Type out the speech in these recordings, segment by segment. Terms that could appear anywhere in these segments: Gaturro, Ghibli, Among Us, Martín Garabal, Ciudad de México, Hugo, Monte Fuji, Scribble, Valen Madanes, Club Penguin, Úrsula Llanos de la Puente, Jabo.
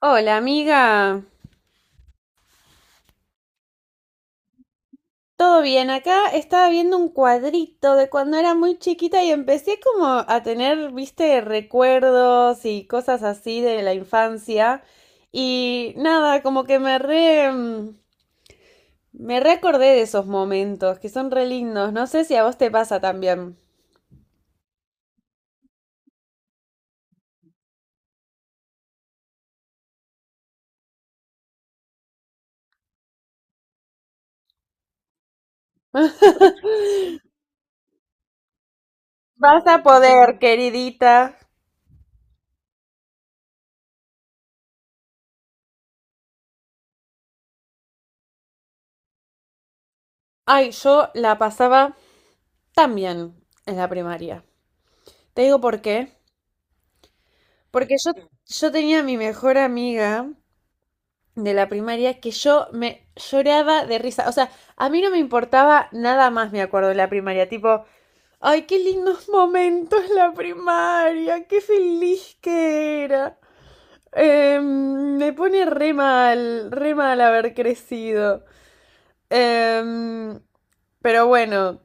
Hola, amiga. ¿Todo bien? Acá estaba viendo un cuadrito de cuando era muy chiquita y empecé como a tener, viste, recuerdos y cosas así de la infancia. Y nada, como que me re, me reacordé de esos momentos que son re lindos. No sé si a vos te pasa también. Vas a poder, queridita. Ay, yo la pasaba también en la primaria. Te digo por qué. Porque yo tenía a mi mejor amiga de la primaria que yo me lloraba de risa. O sea, a mí no me importaba nada más, me acuerdo, de la primaria. Tipo, ay, qué lindos momentos la primaria, qué feliz que era. Me pone re mal haber crecido. Em, pero bueno,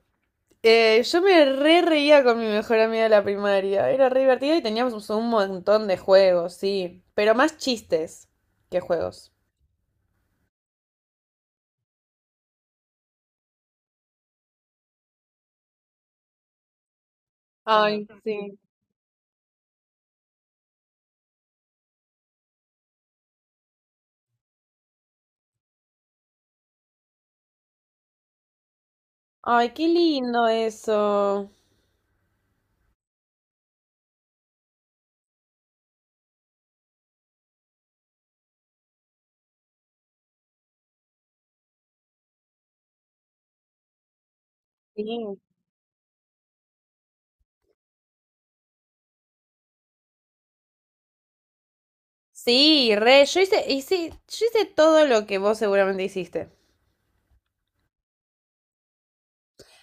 yo me re reía con mi mejor amiga de la primaria. Era re divertido y teníamos un montón de juegos, sí. Pero más chistes que juegos. Ay, sí. Ay, qué lindo eso. Sí. Sí, re, yo yo hice todo lo que vos seguramente hiciste.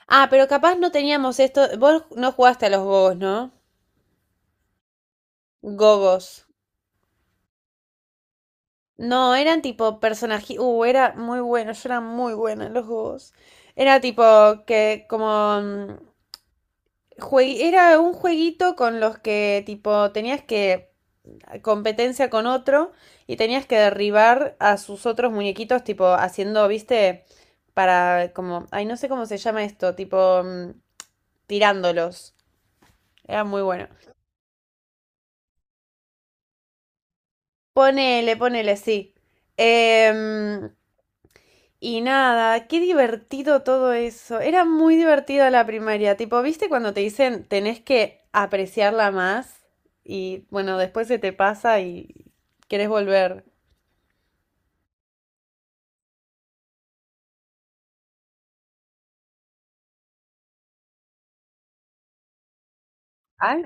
Ah, pero capaz no teníamos esto. Vos no jugaste a los gogos, ¿no? Gogos. No, eran tipo personajes. Era muy bueno, yo era muy buena en los gogos. Era tipo que como era un jueguito con los que tipo tenías que competencia con otro y tenías que derribar a sus otros muñequitos, tipo haciendo, viste, para como, ay, no sé cómo se llama esto, tipo tirándolos. Era muy bueno. Ponele, ponele, sí. Em, y nada, qué divertido todo eso. Era muy divertida la primaria. Tipo, ¿viste cuando te dicen tenés que apreciarla más? Y bueno, después se te pasa y querés volver. Ay,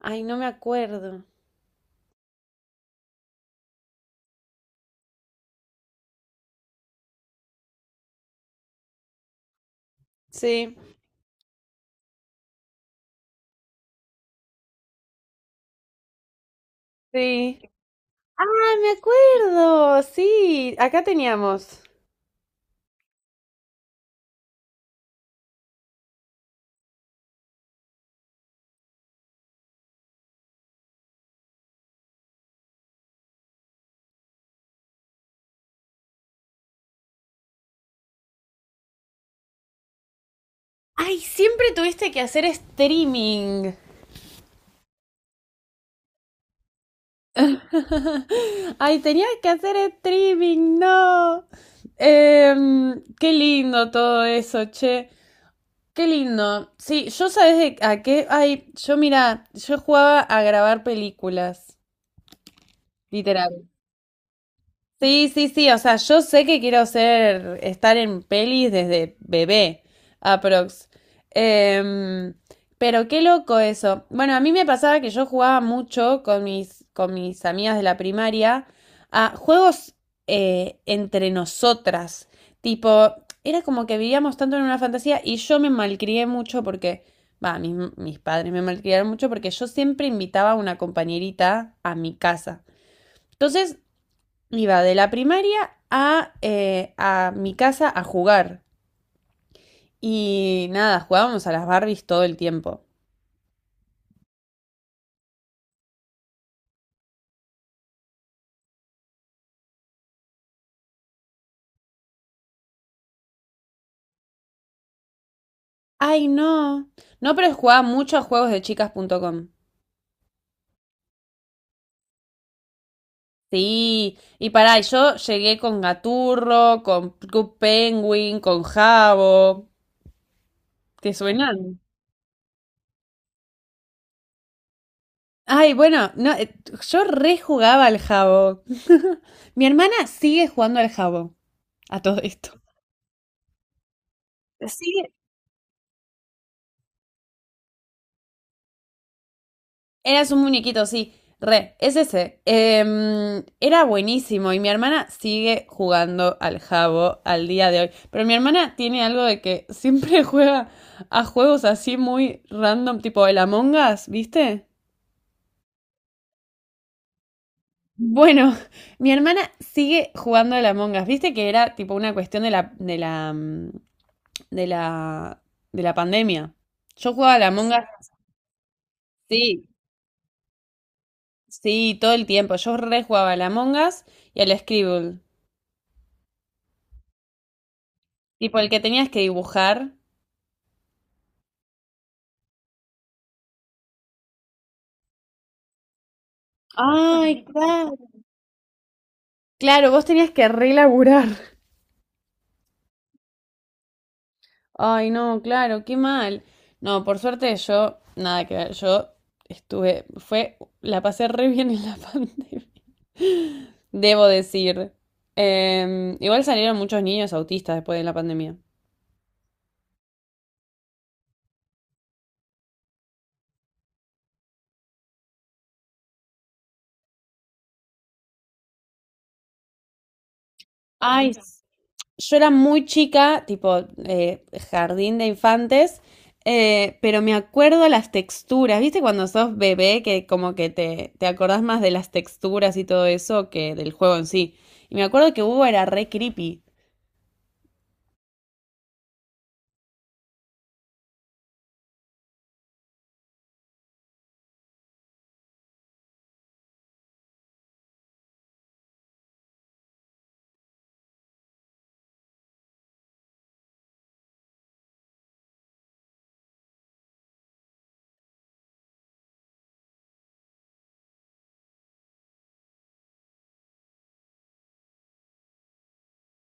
Ay, no me acuerdo. Sí. Sí. Ah, me acuerdo. Sí, acá teníamos. Ay, siempre tuviste que hacer streaming. Ay, tenías que hacer streaming, no. Qué lindo todo eso, che. Qué lindo. Sí, yo sabes de- a qué. Ay, yo mira, yo jugaba a grabar películas, literal. Sí, sí, sí, o sea, yo sé que quiero ser, estar en pelis desde bebé, aprox. Em, pero qué loco eso. Bueno, a mí me pasaba que yo jugaba mucho con con mis amigas de la primaria a juegos entre nosotras. Tipo, era como que vivíamos tanto en una fantasía y yo me malcrié mucho porque, va, mis padres me malcriaron mucho porque yo siempre invitaba a una compañerita a mi casa. Entonces, iba de la primaria a mi casa a jugar. Y nada, jugábamos a las Barbies todo el tiempo. Ay, no. No, pero jugaba mucho a juegos de chicas.com. Sí, y pará, y yo llegué con Gaturro, con Club Penguin, con Jabo. ¿Te suenan? Ay, bueno, no, yo rejugaba al Jabo. Mi hermana sigue jugando al Jabo a todo esto. Sí, eras un muñequito, sí. Re, es ese. Era buenísimo y mi hermana sigue jugando al jabo al día de hoy. Pero mi hermana tiene algo de que siempre juega a juegos así muy random, tipo el Among Us, ¿viste? Bueno, mi hermana sigue jugando al Among Us. ¿Viste que era tipo una cuestión de la, mm, de la, de la pandemia? Yo jugaba al Among Us, sí, sí, todo el tiempo. Yo re jugaba al Among Us y al Scribble. Tipo el que tenías que dibujar. Ay, claro. Claro, vos tenías que relaburar. Ay, no, claro, qué mal. No, por suerte yo, nada que ver, yo estuve, fue, la pasé re bien en la pandemia. Debo decir. Igual salieron muchos niños autistas después de la pandemia. Ay, yo era muy chica, tipo jardín de infantes, pero me acuerdo las texturas, ¿viste? Cuando sos bebé, que como que te acordás más de las texturas y todo eso que del juego en sí. Y me acuerdo que Hugo era re creepy.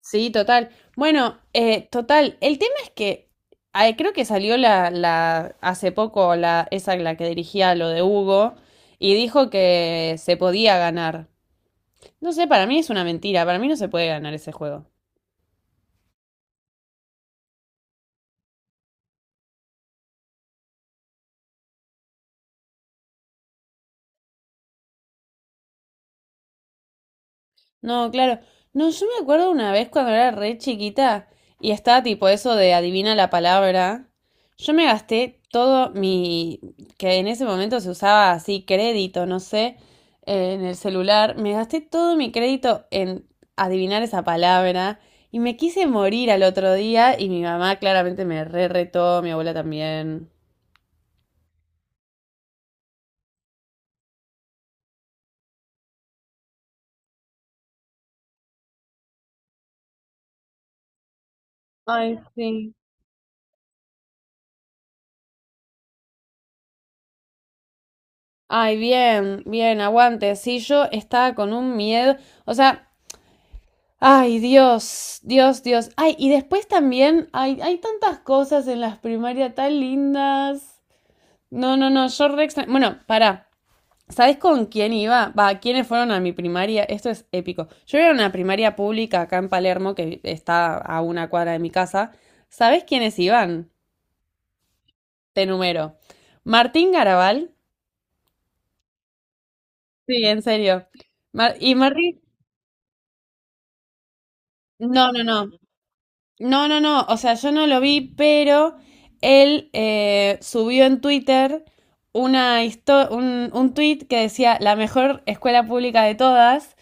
Sí, total. Bueno, total, el tema es que ay, creo que salió la, la hace poco la, esa la que dirigía lo de Hugo y dijo que se podía ganar. No sé, para mí es una mentira, para mí no se puede ganar ese juego. No, claro. No, yo me acuerdo una vez cuando era re chiquita y estaba tipo eso de adivina la palabra. Yo me gasté todo mi, que en ese momento se usaba así crédito, no sé, en el celular. Me gasté todo mi crédito en adivinar esa palabra y me quise morir al otro día y mi mamá claramente me re retó, mi abuela también. Ay, sí. Ay, bien, bien, aguante. Sí, yo estaba con un miedo. O sea, ay, Dios, Dios, Dios. Ay, y después también hay tantas cosas en las primarias tan lindas. No, no, no, yo re extra- Bueno, pará. ¿Sabés con quién iba? Va, ¿quiénes fueron a mi primaria? Esto es épico. Yo era una primaria pública acá en Palermo, que está a una cuadra de mi casa. ¿Sabés quiénes iban? Te número. Martín Garabal. Sí, en serio. Mar- y Martín. No, no, no. No, no, no, o sea, yo no lo vi, pero él subió en Twitter una histo- un tweet que decía la mejor escuela pública de todas,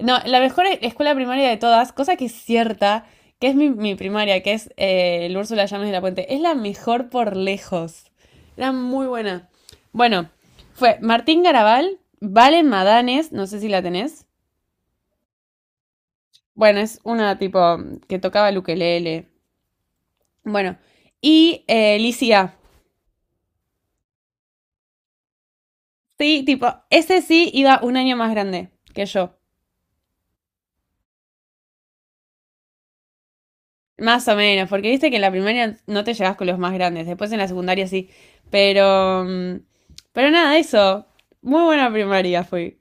no, la mejor e- escuela primaria de todas, cosa que es cierta, que es mi primaria, que es el Úrsula Llanos de la Puente, es la mejor por lejos, era muy buena. Bueno, fue Martín Garabal, Valen Madanes, no sé si la tenés, bueno, es una tipo que tocaba el ukelele. Bueno, y Licia. Sí, tipo, ese sí iba un año más grande que yo. Más o menos, porque viste que en la primaria no te llevas con los más grandes, después en la secundaria sí. Pero. mm, Pero nada, eso. Muy buena primaria fui.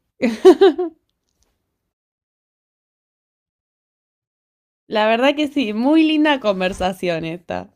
La verdad que sí, muy linda conversación esta.